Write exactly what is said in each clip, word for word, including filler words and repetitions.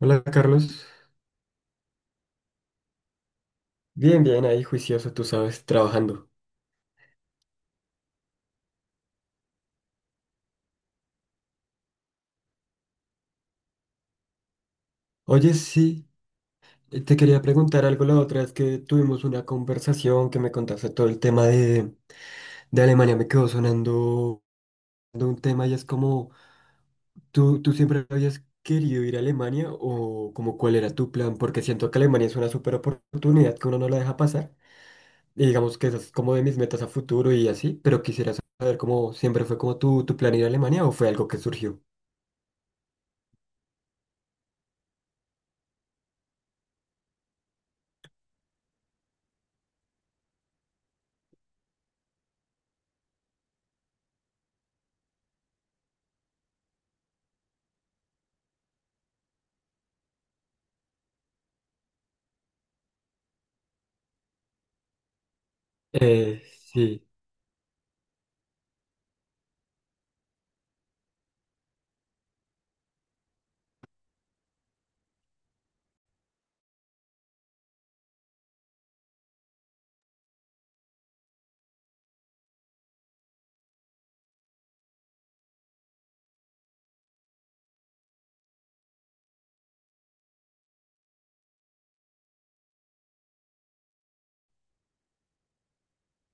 Hola Carlos, bien, bien, ahí juicioso, tú sabes, trabajando. Oye, sí, eh, te quería preguntar algo la otra vez que tuvimos una conversación que me contaste todo el tema de, de Alemania, me quedó sonando de un tema y es como, ¿tú, tú siempre habías querido ir a Alemania o como cuál era tu plan? Porque siento que Alemania es una súper oportunidad que uno no la deja pasar y digamos que esa es como de mis metas a futuro y así, pero quisiera saber cómo siempre fue como tu, tu plan ir a Alemania o fue algo que surgió. Eh, sí.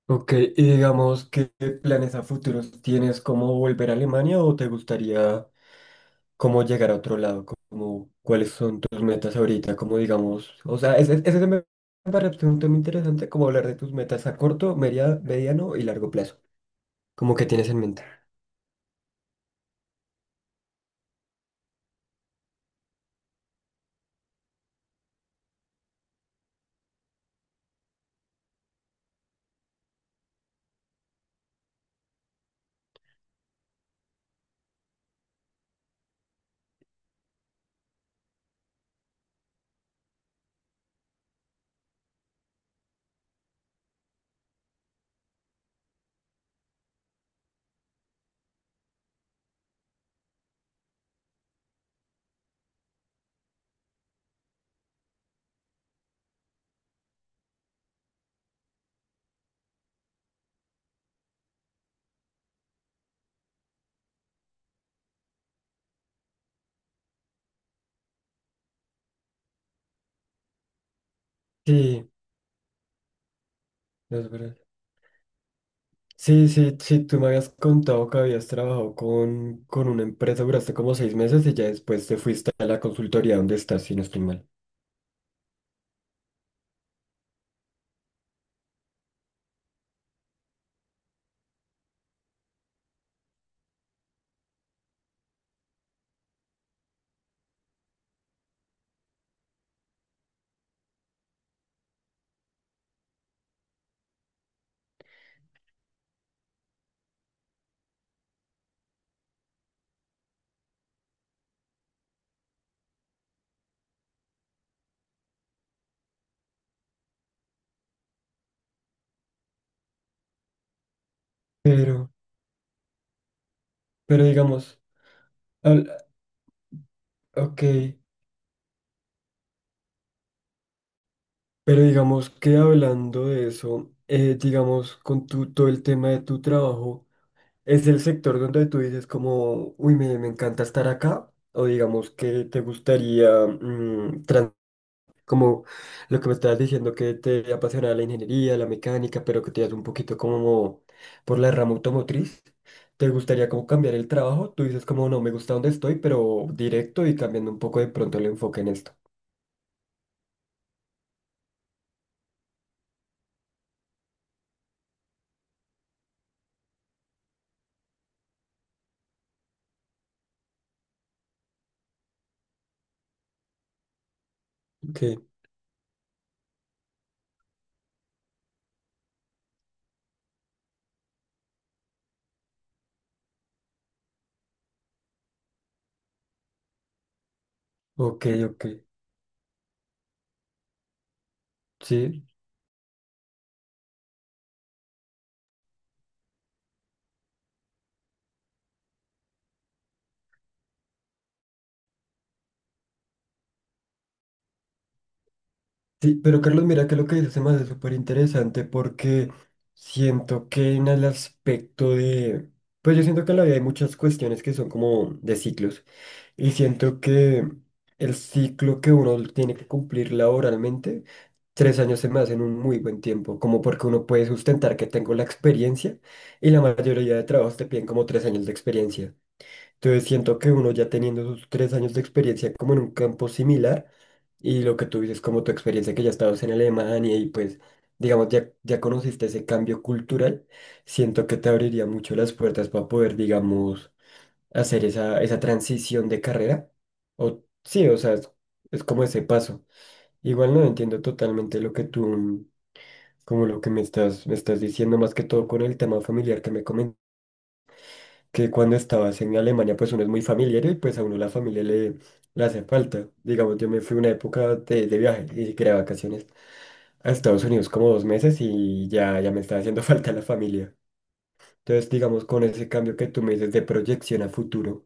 Ok, y digamos, ¿qué planes a futuros tienes? ¿Cómo volver a Alemania o te gustaría cómo llegar a otro lado? Cómo, ¿cuáles son tus metas ahorita? Como digamos, o sea, ese, ese se me parece un tema interesante, como hablar de tus metas a corto, media- mediano y largo plazo. cómo que tienes en mente. Sí, es verdad. Sí, sí, sí, tú me habías contado que habías trabajado con, con una empresa, duraste como seis meses y ya después te fuiste a la consultoría donde estás, si no estoy mal. Pero, pero digamos, hab- Ok, pero digamos que hablando de eso, eh, digamos con tu, todo el tema de tu trabajo, ¿es el sector donde tú dices como, uy, me, me encanta estar acá? O digamos que te gustaría, mm, tran- como lo que me estabas diciendo, que te apasiona la ingeniería, la mecánica, pero que te das un poquito como por la rama automotriz, ¿te gustaría como cambiar el trabajo? Tú dices como, no, me gusta donde estoy, pero directo y cambiando un poco de pronto el enfoque en esto. Ok, ok, ok. Sí. Sí, pero Carlos, mira que lo que dices se me hace súper interesante porque siento que en el aspecto de, pues yo siento que en la vida hay muchas cuestiones que son como de ciclos y siento que el ciclo que uno tiene que cumplir laboralmente, tres años se me hacen un muy buen tiempo, como porque uno puede sustentar que tengo la experiencia y la mayoría de trabajos te piden como tres años de experiencia. Entonces siento que uno ya teniendo sus tres años de experiencia como en un campo similar y lo que tú dices como tu experiencia que ya estabas en Alemania y pues digamos ya, ya conociste ese cambio cultural, siento que te abriría mucho las puertas para poder digamos hacer esa, esa transición de carrera. O sí, o sea, es, es como ese paso. Igual no entiendo totalmente lo que tú, como lo que me estás, me estás diciendo más que todo con el tema familiar que me comentaste que cuando estabas en Alemania, pues uno es muy familiar y pues a uno la familia le, le hace falta. Digamos, yo me fui una época de, de viaje, ni siquiera de vacaciones, a Estados Unidos como dos meses y ya, ya me estaba haciendo falta la familia. Entonces, digamos, con ese cambio que tú me dices de proyección a futuro,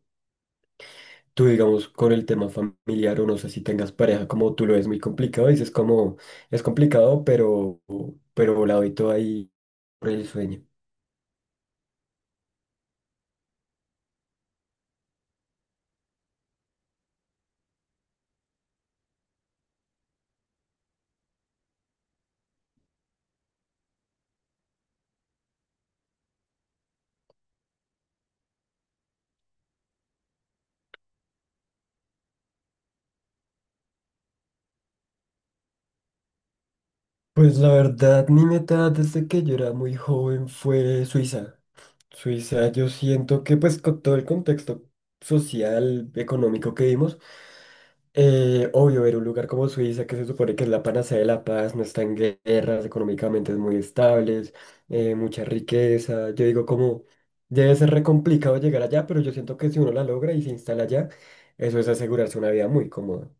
tú, digamos, con el tema familiar o no sé si tengas pareja, como tú lo ves muy complicado, dices como es complicado, pero, pero la doy todo ahí por el sueño. Pues la verdad, mi meta desde que yo era muy joven fue Suiza. Suiza, yo siento que pues con todo el contexto social, económico que vimos, eh, obvio, ver un lugar como Suiza, que se supone que es la panacea de la paz, no está en guerras, económicamente es muy estable, mucha riqueza. Yo digo como, debe ser re complicado llegar allá, pero yo siento que si uno la logra y se instala allá, eso es asegurarse una vida muy cómoda.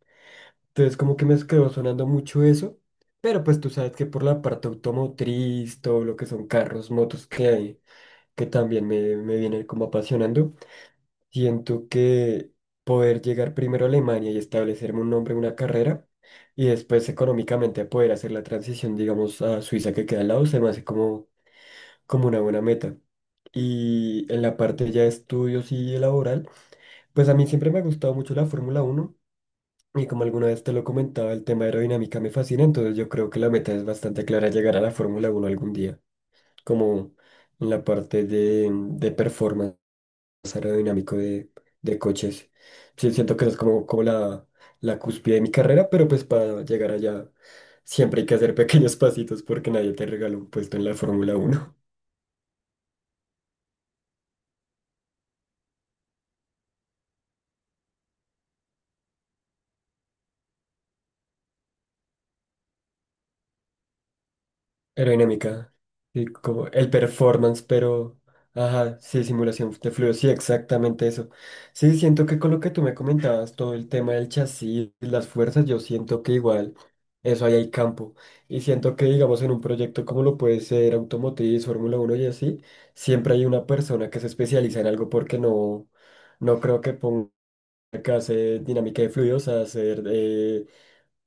Entonces como que me quedó sonando mucho eso, pero pues tú sabes que por la parte automotriz, todo lo que son carros, motos que hay, que también me, me viene como apasionando, siento que poder llegar primero a Alemania y establecerme un nombre, una carrera, y después económicamente poder hacer la transición, digamos, a Suiza que queda al lado, se me hace como, como una buena meta. Y en la parte ya de estudios y laboral, pues a mí siempre me ha gustado mucho la Fórmula Uno y como alguna vez te lo comentaba, el tema aerodinámica me fascina, entonces yo creo que la meta es bastante clara, llegar a la Fórmula Uno algún día, como en la parte de, de performance aerodinámico de, de coches. Sí, siento que esa es como, como la, la cúspide de mi carrera, pero pues para llegar allá siempre hay que hacer pequeños pasitos porque nadie te regala un puesto en la Fórmula Uno. Aerodinámica, sí, como el performance, pero, ajá, sí, simulación de fluidos, sí, exactamente eso. Sí, siento que con lo que tú me comentabas, todo el tema del chasis, las fuerzas, yo siento que igual, eso ahí hay campo. Y siento que, digamos, en un proyecto como lo puede ser Automotriz, Fórmula uno y así, siempre hay una persona que se especializa en algo porque no, no creo que ponga que hacer dinámica de fluidos a hacer... eh,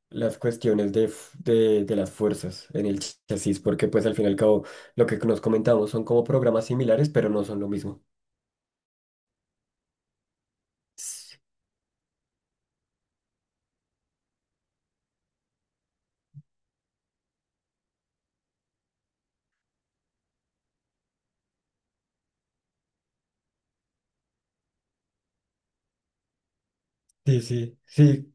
las cuestiones de, f- de, de las fuerzas en el ch- chasis, porque pues al fin y al cabo lo que nos comentamos son como programas similares, pero no son lo mismo. Sí, sí, sí,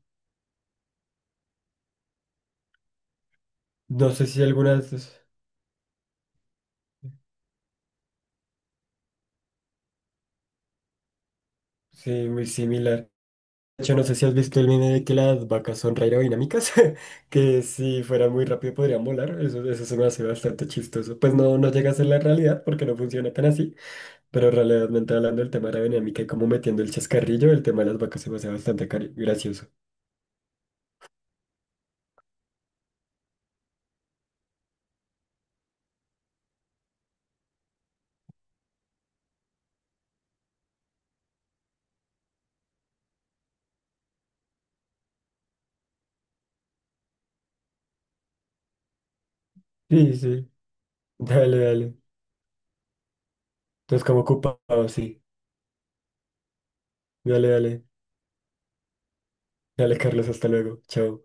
no sé si algunas, es- sí, muy similar. De hecho, no sé si has visto el meme de que las vacas son re aerodinámicas, que si fueran muy rápido podrían volar, eso, eso se me hace bastante chistoso. Pues no, no llega a ser la realidad porque no funciona tan así, pero realmente hablando del tema de aerodinámica y como metiendo el chascarrillo, el tema de las vacas se me hace bastante cari- gracioso. Sí, sí. Dale, dale. Entonces, como ocupado, sí. Dale, dale. Dale, Carlos, hasta luego. Chao.